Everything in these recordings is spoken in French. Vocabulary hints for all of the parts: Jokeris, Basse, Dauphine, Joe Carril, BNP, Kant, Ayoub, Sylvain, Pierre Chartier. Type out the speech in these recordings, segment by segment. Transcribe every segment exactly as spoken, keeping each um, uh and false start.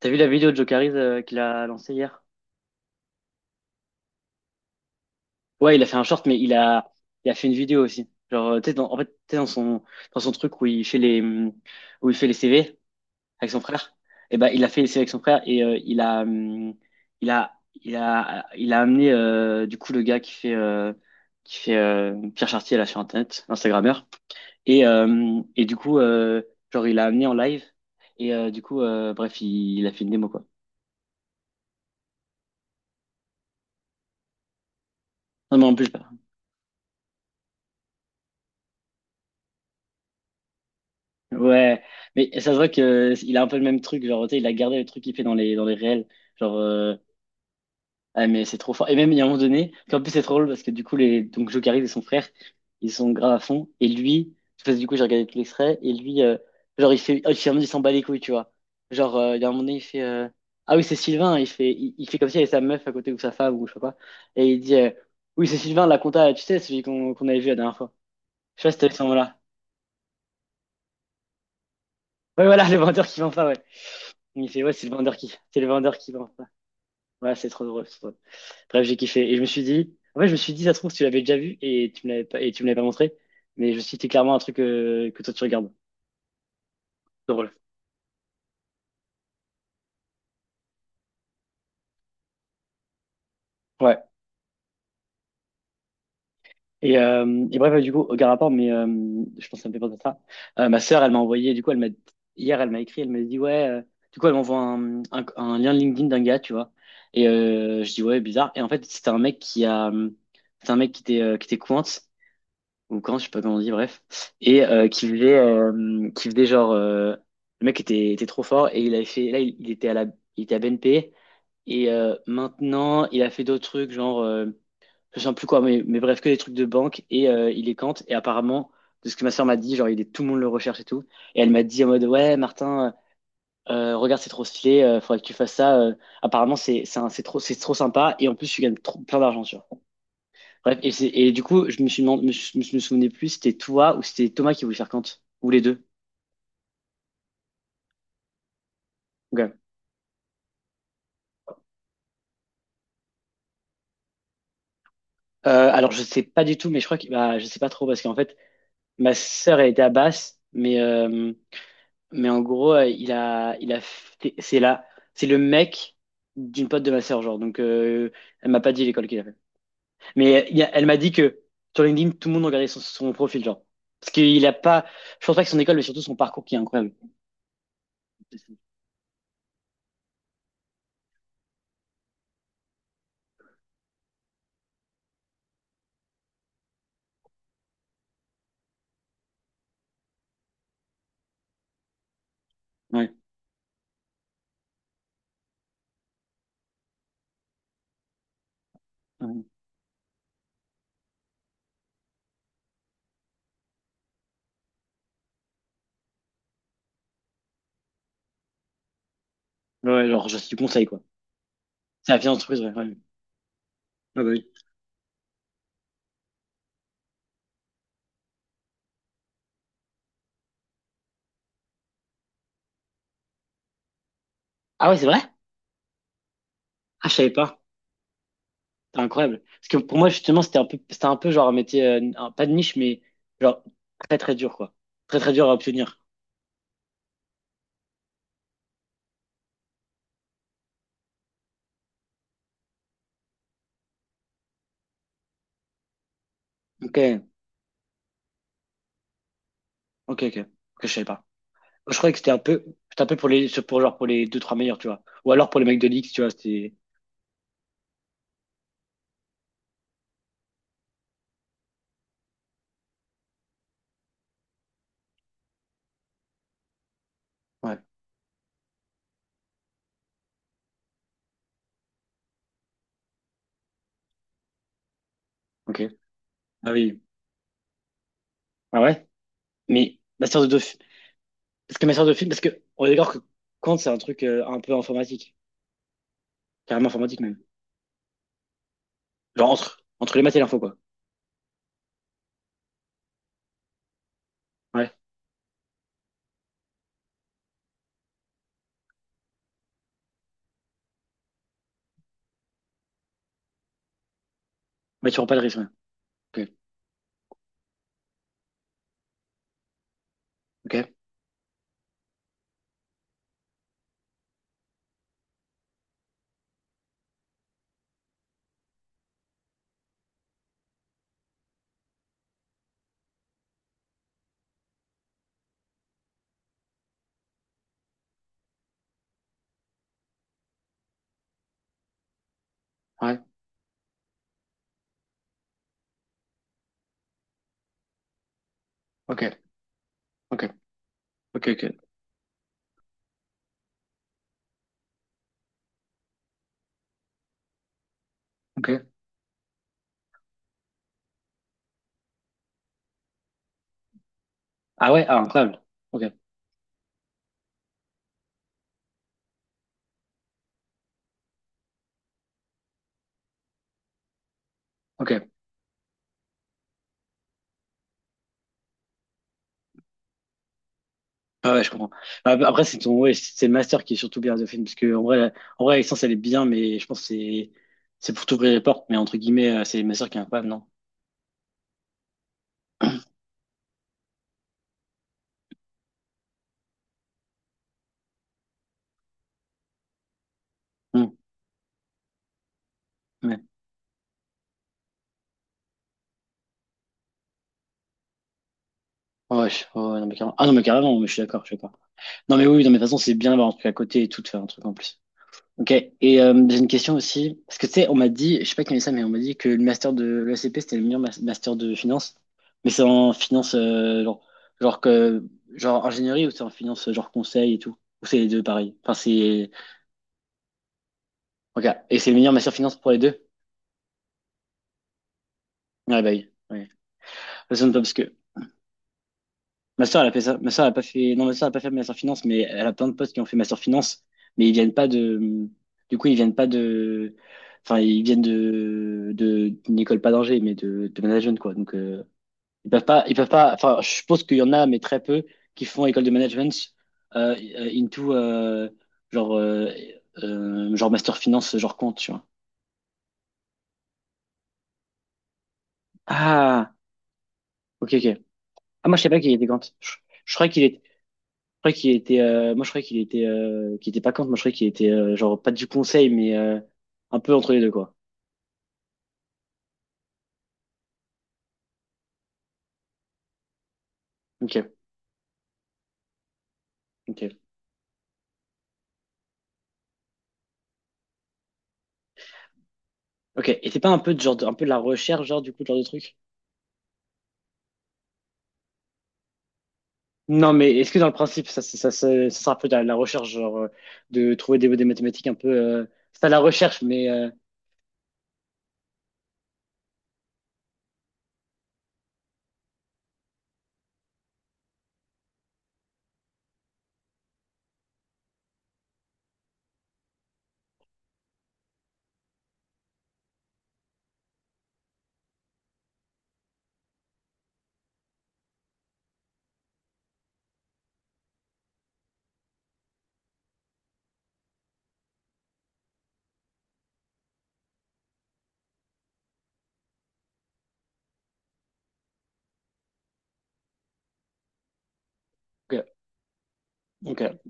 T'as vu la vidéo de Jokeris euh, qu'il a lancée hier? Ouais, il a fait un short, mais il a, il a fait une vidéo aussi. Genre, euh, tu sais, dans- en fait, tu sais, dans son, dans son truc où il fait les, hum, où il fait les C V avec son frère, et ben, il a fait les C V avec son frère et euh, il a, hum, il a, il a, il a amené euh, du coup le gars qui fait, euh, qui fait euh, Pierre Chartier là sur Internet, l'Instagrammeur, et, euh, et du coup, euh, genre, il l'a amené en live et euh, du coup, euh, bref, il, il a fait une démo quoi. Non, mais en plus. Ouais, mais ça se voit que il a un peu le même truc, genre, tu sais, il a gardé le truc qu'il fait dans les, dans les réels. Genre, euh, ah, mais c'est trop fort. Et même, il y a un moment donné, en plus, c'est trop drôle parce que du coup, les, donc, Joe Carril et son frère, ils sont grave à fond. Et lui, parce que du coup, j'ai regardé tout l'extrait, et lui, euh, genre, il fait, oh, finalement, il s'en bat les couilles, tu vois. Genre, euh, il y a un moment donné, il fait, euh, ah oui, c'est Sylvain, il fait, il, il fait comme s'il y avait sa meuf à côté ou sa femme ou je sais pas. Et il dit, euh, oui, c'est Sylvain, la compta, tu sais, celui qu'on qu'on avait vu la dernière fois. Je sais pas si t'as vu ce moment-là. Ouais, voilà, le vendeur qui vend pas, ouais. Il me fait, ouais, c'est le vendeur qui. C'est le vendeur qui vend. Ouais, c'est trop drôle. C'est trop drôle. Bref, j'ai kiffé. Et je me suis dit, en fait, je me suis dit, ça se trouve, tu l'avais déjà vu et tu me l'avais pas, et tu me l'avais pas montré. Mais je me suis dit, c'est clairement un truc euh, que toi, tu regardes. Drôle. Ouais. Et, euh, et bref, du coup, aucun rapport, mais euh, je pense que ça me fait penser à ça. Euh, ma sœur, elle m'a envoyé, du coup, elle m'a, hier, elle m'a écrit, elle m'a dit, ouais, euh, du coup, elle m'envoie un, un, un lien LinkedIn d'un gars, tu vois. Et euh, je dis, ouais, bizarre. Et en fait, c'était un mec qui a, c'était un mec qui était, euh, qui était cointe ou quand, je sais pas comment on dit, bref, et euh, qui faisait, euh, qui faisait genre, euh, le mec était, était trop fort et il avait fait, là il, il était à la, il était à B N P et euh, maintenant il a fait d'autres trucs genre, euh, je sais plus quoi, mais, mais bref que des trucs de banque et euh, il est Kant et apparemment de ce que ma soeur m'a dit, genre il est tout le monde le recherche et tout et elle m'a dit en mode ouais Martin, euh, euh, regarde c'est trop stylé, euh, faudrait que tu fasses ça, euh, apparemment c'est c'est un- c'est trop c'est trop sympa et en plus tu gagnes trop, plein d'argent tu vois. Bref, et, c'est- et du coup, je me suis demandé, je me je me souvenais plus si c'était toi ou si c'était Thomas qui voulait faire Kant, ou les deux. Ok. Euh, alors, je sais pas du tout, mais je crois que bah, je sais pas trop parce qu'en fait, ma sœur elle était à Basse, mais euh, mais en gros, euh, il a il a fait- c'est là, c'est le mec d'une pote de ma sœur, genre. Donc, euh, elle m'a pas dit l'école qu'il a fait, mais euh, il y a- elle m'a dit que sur LinkedIn, tout le monde regardait son, son profil, genre, parce qu'il a pas, je pense pas que son école, mais surtout son parcours qui est incroyable. Ouais, ouais, ouais, genre, je suis du conseil, quoi. C'est la fière entreprise, ouais, ouais. Ah bah oui. Ah ouais, c'est vrai? Ah, je savais pas. C'est incroyable. Parce que pour moi, justement, c'était un peu, c'était un peu genre un métier, euh, un- pas de niche, mais genre très très dur, quoi. Très très dur à obtenir. Ok, ok, ok. Ok, je savais pas. Je croyais que c'était un peu, c'était un peu pour les, pour genre pour les deux, trois meilleurs, tu vois. Ou alors pour les mecs de l'X, tu vois, c'était, ouais, ok. Ah oui. Ah ouais? Mais ma sœur de Dauphine, parce que ma sœur de Dauphine, parce que on est d'accord que Kant, c'est un truc euh, un peu informatique. Carrément informatique, même. Genre entre, entre les maths et l'info, quoi. Ouais. Mais tu prends pas de risque, ouais. Ok, ok. Ouais, ok, ok, ok, ok, ok. Ah ouais, ah, incroyable. Ok, ok. Ah ouais, je comprends. Ah, bah, après, c'est ton, ouais, c'est le master qui est surtout bien de film, parce que en vrai, la- en vrai, la licence, elle est bien, mais je pense que c'est, c'est pour t'ouvrir les portes, mais entre guillemets, euh, c'est le master qui est incroyable, non? Hmm, ouais. Ah ouais, je- ouais, ouais, non, mais carrément. Ah non, mais carrément, mais je suis d'accord, je suis d'accord. Non, mais oui, oui, non, mais de toute façon, c'est bien d'avoir un truc à côté et tout, de faire un truc en plus. Ok, et euh, j'ai une question aussi, parce que tu sais, on m'a dit, je sais pas qui m'a dit ça, mais on m'a dit que le master de l'E C P, c'était le meilleur mas- master de finance, mais c'est en finance, euh, genre, genre, que, genre ingénierie ou c'est en finance, euh, genre conseil et tout, ou c'est les deux pareil, enfin c'est, ok, et c'est le meilleur master finance pour les deux? Ouais, bah oui, ouais. Ça sonne pas parce que, ma soeur, elle a fait ça. Ma soeur, elle a pas fait. Non, ma soeur, elle a pas fait Master Finance, mais elle a plein de potes qui ont fait Master Finance, mais ils viennent pas de. Du coup, ils viennent pas de. Enfin, ils viennent de de d'une école pas d'Angers, mais de de management quoi. Donc, euh, ils peuvent pas. Ils peuvent pas. Enfin, je suppose qu'il y en a, mais très peu qui font école de management euh, into euh, genre euh, euh, genre Master Finance, genre compte, tu vois. Ah, ok, ok. Ah, moi, je sais pas qu'il était compte. Je, je croyais qu'il était croyais qu'il était, euh, moi je croyais qu'il était, euh, qu'il était pas contre, moi je croyais qu'il était euh, genre pas du conseil, mais euh, un peu entre les deux quoi. Ok, ok, ok. Et c'est pas un peu de genre, de- un peu de la recherche genre du coup genre de truc? Non, mais est-ce que dans le principe ça, ça, ça, ça, ça sera un peu de la, la recherche genre euh, de trouver des, des mathématiques un peu, euh, c'est pas de la recherche mais euh, ok, ok.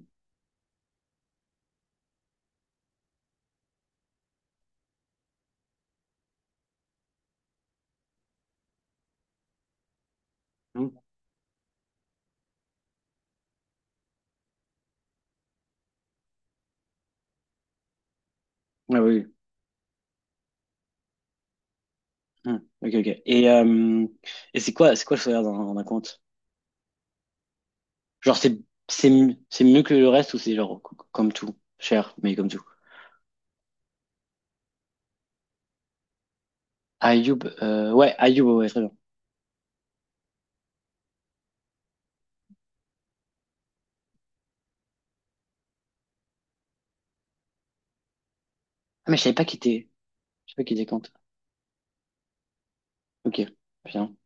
Hmm. Ah oui, oui. Hmm. Ok, ok. Et euh, et c'est quoi, c'est quoi le salaire d'un d'un compte? Genre c'est c'est mieux- c'est mieux que le reste ou c'est genre co- comme tout, cher mais comme tout? Ayoub, euh, ouais, Ayoub, ouais, ouais, très bien. Ah, mais je savais pas qu'il était, je sais pas qu'il était compte. Ok, bien.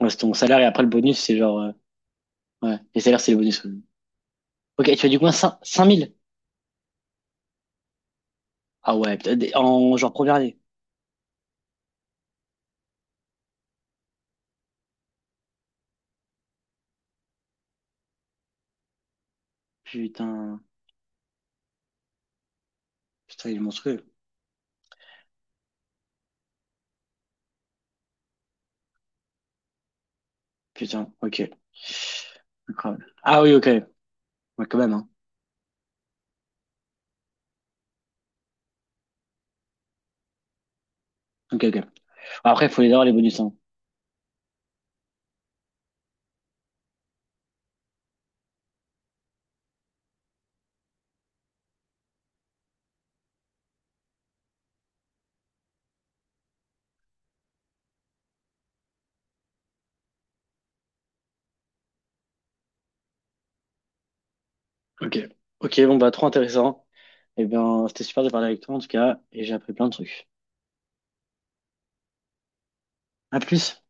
Ouais, c'est ton salaire et après le bonus, c'est genre, euh, ouais, les salaires, c'est le bonus. Ouais. Ok, tu as du coin cinq mille. Ah ouais, putain, des- en genre première année. Putain, putain, il est monstrueux. Putain, ok. Incroyable. Ah oui, ok. Ouais, quand même, hein. Ok, ok. Bon, après, il faut les avoir, les bonus, hein. Ok. Ok, bon, bah, trop intéressant. Eh bien, c'était super de parler avec toi, en tout cas, et j'ai appris plein de trucs. À plus.